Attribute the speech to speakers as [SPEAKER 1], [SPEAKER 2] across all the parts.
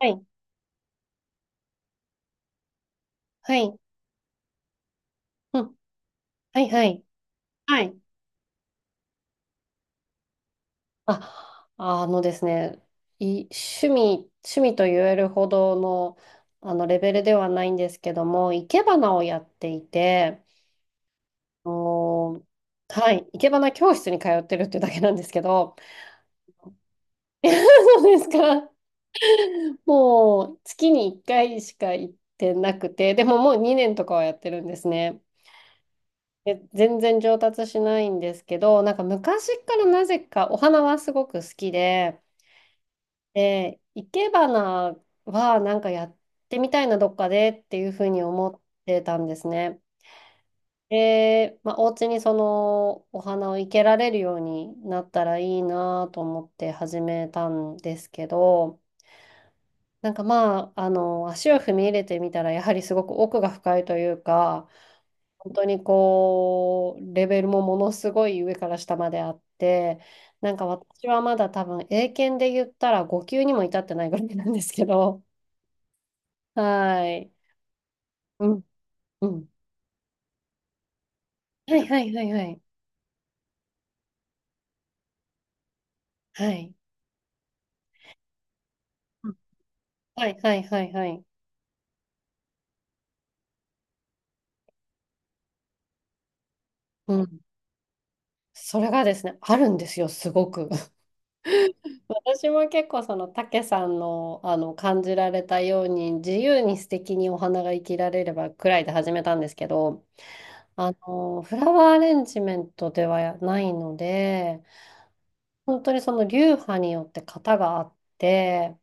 [SPEAKER 1] はい、はい、うん、はい、はい。はい。あ、あのですね、い、趣味、趣味と言えるほどの、あのレベルではないんですけども、生け花をやっていて、おー、はい、生け花教室に通ってるっていうだけなんですけど、そうですか。もう月に1回しか行ってなくて、でももう2年とかはやってるんですね。で全然上達しないんですけど、なんか昔からなぜかお花はすごく好きで、で、生け花はなんかやってみたいな、どっかでっていうふうに思ってたんですね。で、まあ、お家にそのお花を生けられるようになったらいいなと思って始めたんですけど、なんかまあ、あの、足を踏み入れてみたら、やはりすごく奥が深いというか、本当にこう、レベルもものすごい上から下まであって、なんか私はまだ多分英検で言ったら5級にも至ってないぐらいなんですけど、はい。うん、うん。はいはいはいはい。はい。うん。はいはいはいはい。うん。それがですね、あるんですよ、すごく。私も結構その、たけさんの、あの、感じられたように、自由に素敵にお花が生きられればくらいで始めたんですけど、あの、フラワーアレンジメントではないので、本当にその流派によって型があって、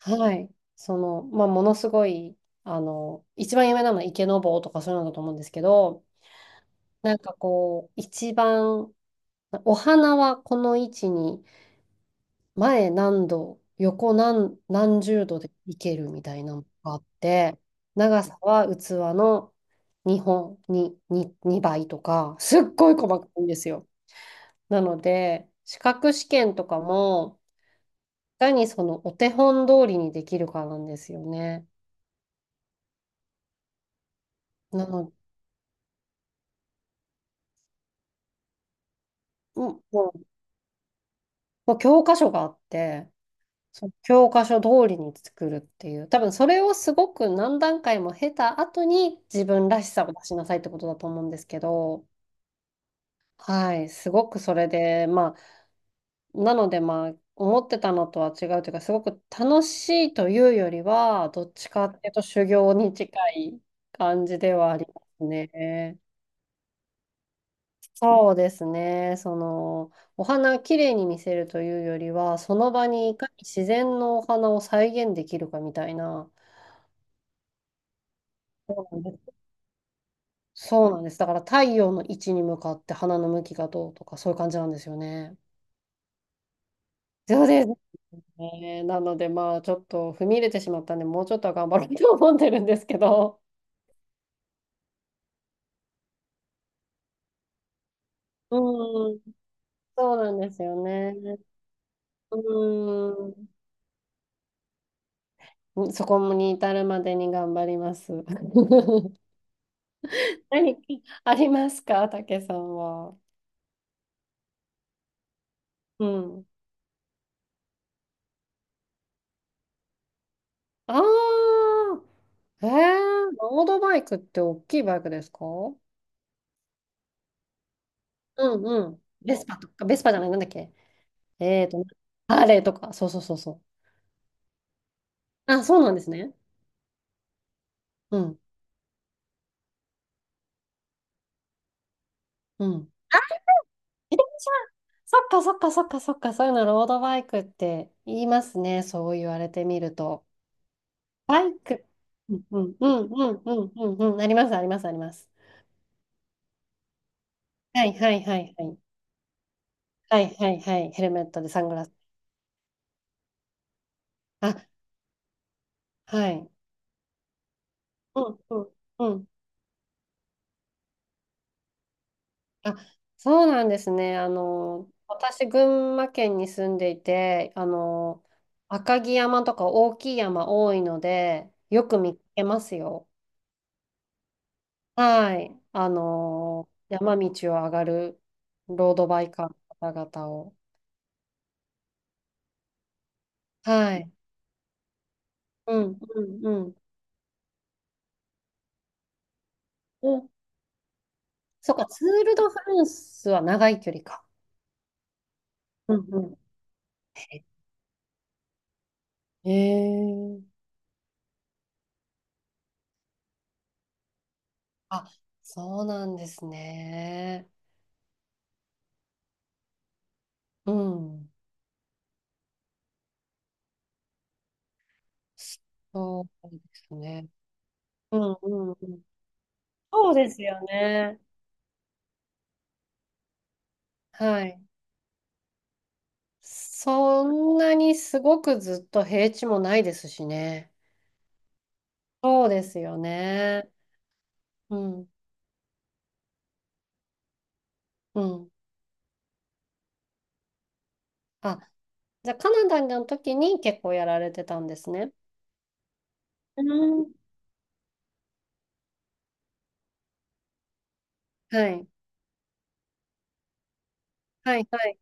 [SPEAKER 1] はい。その、まあ、ものすごい、あの、一番有名なのは池坊とかそういうのだと思うんですけど、なんかこう、一番、お花はこの位置に、前何度、横何十度でいけるみたいなのがあって、長さは器の2本、に2倍とか、すっごい細かいんですよ。なので、資格試験とかも、いかにそのお手本通りにできるかなんですよね。なのうん、うん。まあ教科書があって、その教科書通りに作るっていう、多分それをすごく何段階も経た後に自分らしさを出しなさいってことだと思うんですけど、はい、すごくそれで、まあ、なのでまあ、思ってたのとは違うというか、すごく楽しいというよりは、どっちかっていうと修行に近い感じではありますね。そうですね。その、お花きれいに見せるというよりは、その場にいかに自然のお花を再現できるかみたいな。そうなんです。そうなんです。だから太陽の位置に向かって花の向きがどうとか、そういう感じなんですよね。そうですね。なので、まあ、ちょっと踏み入れてしまったんで、もうちょっとは頑張ろうと思ってるんですけど。うん、そうなんですよね。うん、そこに至るまでに頑張ります。何かありますか、たけさんは。うん。ああ、ええ。ロードバイクって大きいバイクですか？うんうん。ベスパとか、ベスパじゃない、なんだっけ。えーと、ハーレーとか、そうそうそうそう。あ、そうなんですね。うん、うん。あ、自転車。そっかそっかそっかそっか、そういうのロードバイクって言いますね、そう言われてみると。バイク。うんうんうんうんうんうんうん、ありますありますあります。はいはいはいはい。はいはいはい。ヘルメットでサングラス。あ、はい。うんうんうん。あ、そうなんですね。あの、私、群馬県に住んでいて、あの、赤城山とか大きい山多いので、よく見かけますよ。はい。あの、山道を上がるロードバイカーの方々を。はい。うんうんうん。うん。そっか、ツール・ド・フランスは長い距離か。うんうん。へえ。あ、そうなんですね。うん。そうですね。うんうんうん。そうですよね。はい。そんなにすごくずっと平地もないですしね。そうですよね。うん。うん。あ、じゃあカナダの時に結構やられてたんですね。うん。はい。はい。はい。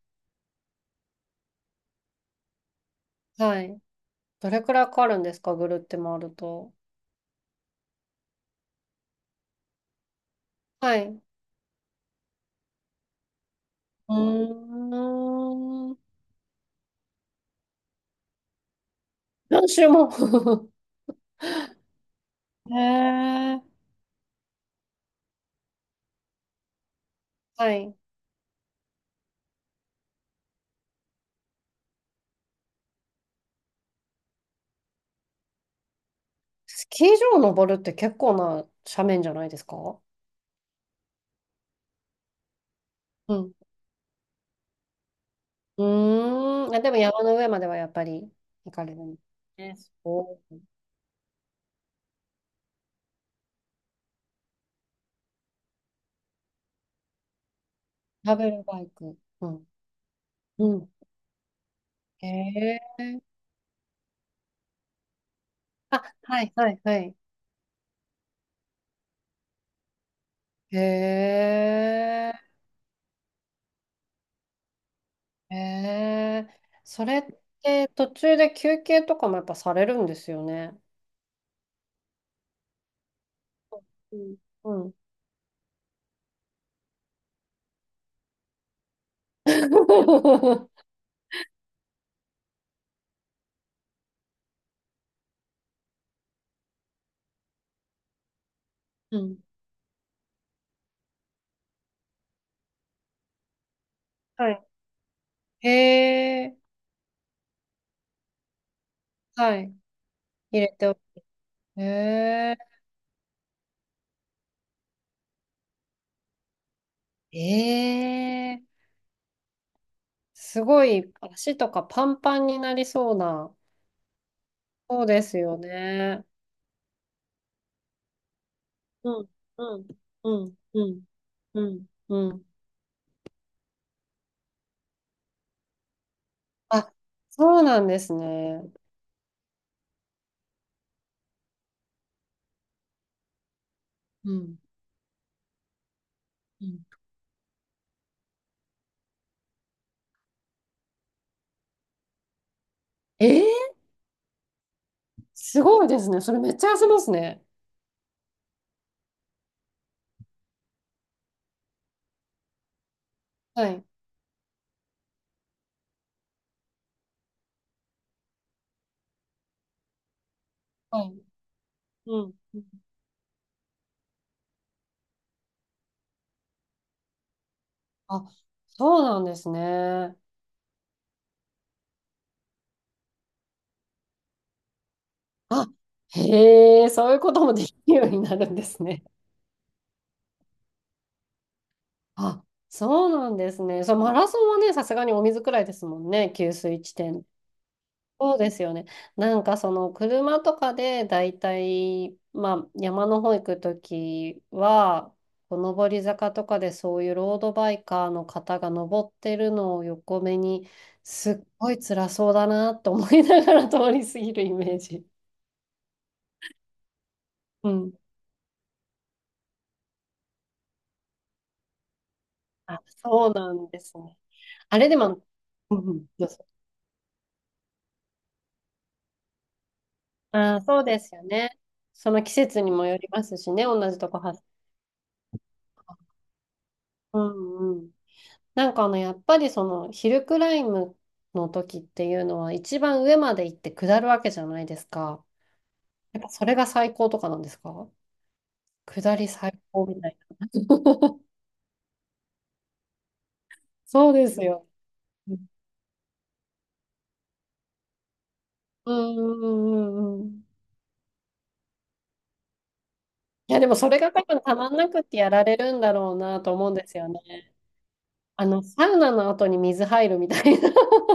[SPEAKER 1] はい。どれくらいかかるんですか、ぐるって回ると？はい。うーん。何周も。へえ。はい。スキー場を登るって結構な斜面じゃないですか？うん。うーん。あ、でも山の上まではやっぱり行かれるんですね。お。ラベルバイク。うん。うん。へえ。あ、はいはいはい。へえ。へえ。それって途中で休憩とかもやっぱされるんですよね。うん。うん。うん。はい。へえ。はい。入れておく。へえ。ええ。すごい足とかパンパンになりそうな。そうですよね。うん、うん、うん、うん、うん、うん。あ、そうなんですね。うん、うん。えー、すごいですね。それめっちゃ痩せますね。はい、はい。うん。あ、そうなんですね。あ、へえ、そういうこともできるようになるんですね。あ、そうなんですね。そう、マラソンはね、さすがにお水くらいですもんね、給水地点。そうですよね。なんかその車とかでだいたいまあ山の方行くときは、こう上り坂とかでそういうロードバイカーの方が登ってるのを横目に、すっごい辛そうだなと思いながら通り過ぎるイメージ。うん。あ、そうなんですね。あれでも、うんうん、どうぞ。あー、そうですよね。その季節にもよりますしね、同じとこ走る。うん。なんかあの、やっぱりその、ヒルクライムの時っていうのは、一番上まで行って下るわけじゃないですか。やっぱそれが最高とかなんですか？下り最高みたいな。そうですよ。うんうんうんうんうん。いや、でもそれが多分たまんなくってやられるんだろうなと思うんですよね。あの、サウナの後に水入るみたいな。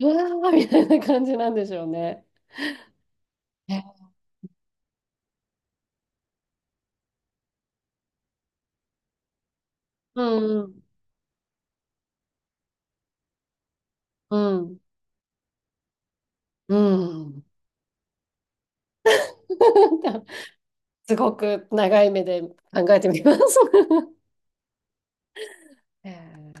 [SPEAKER 1] うわーみたいな感じなんでしょうね。ね。うんうんうん。うん。すごく長い目で考えてみます。ええ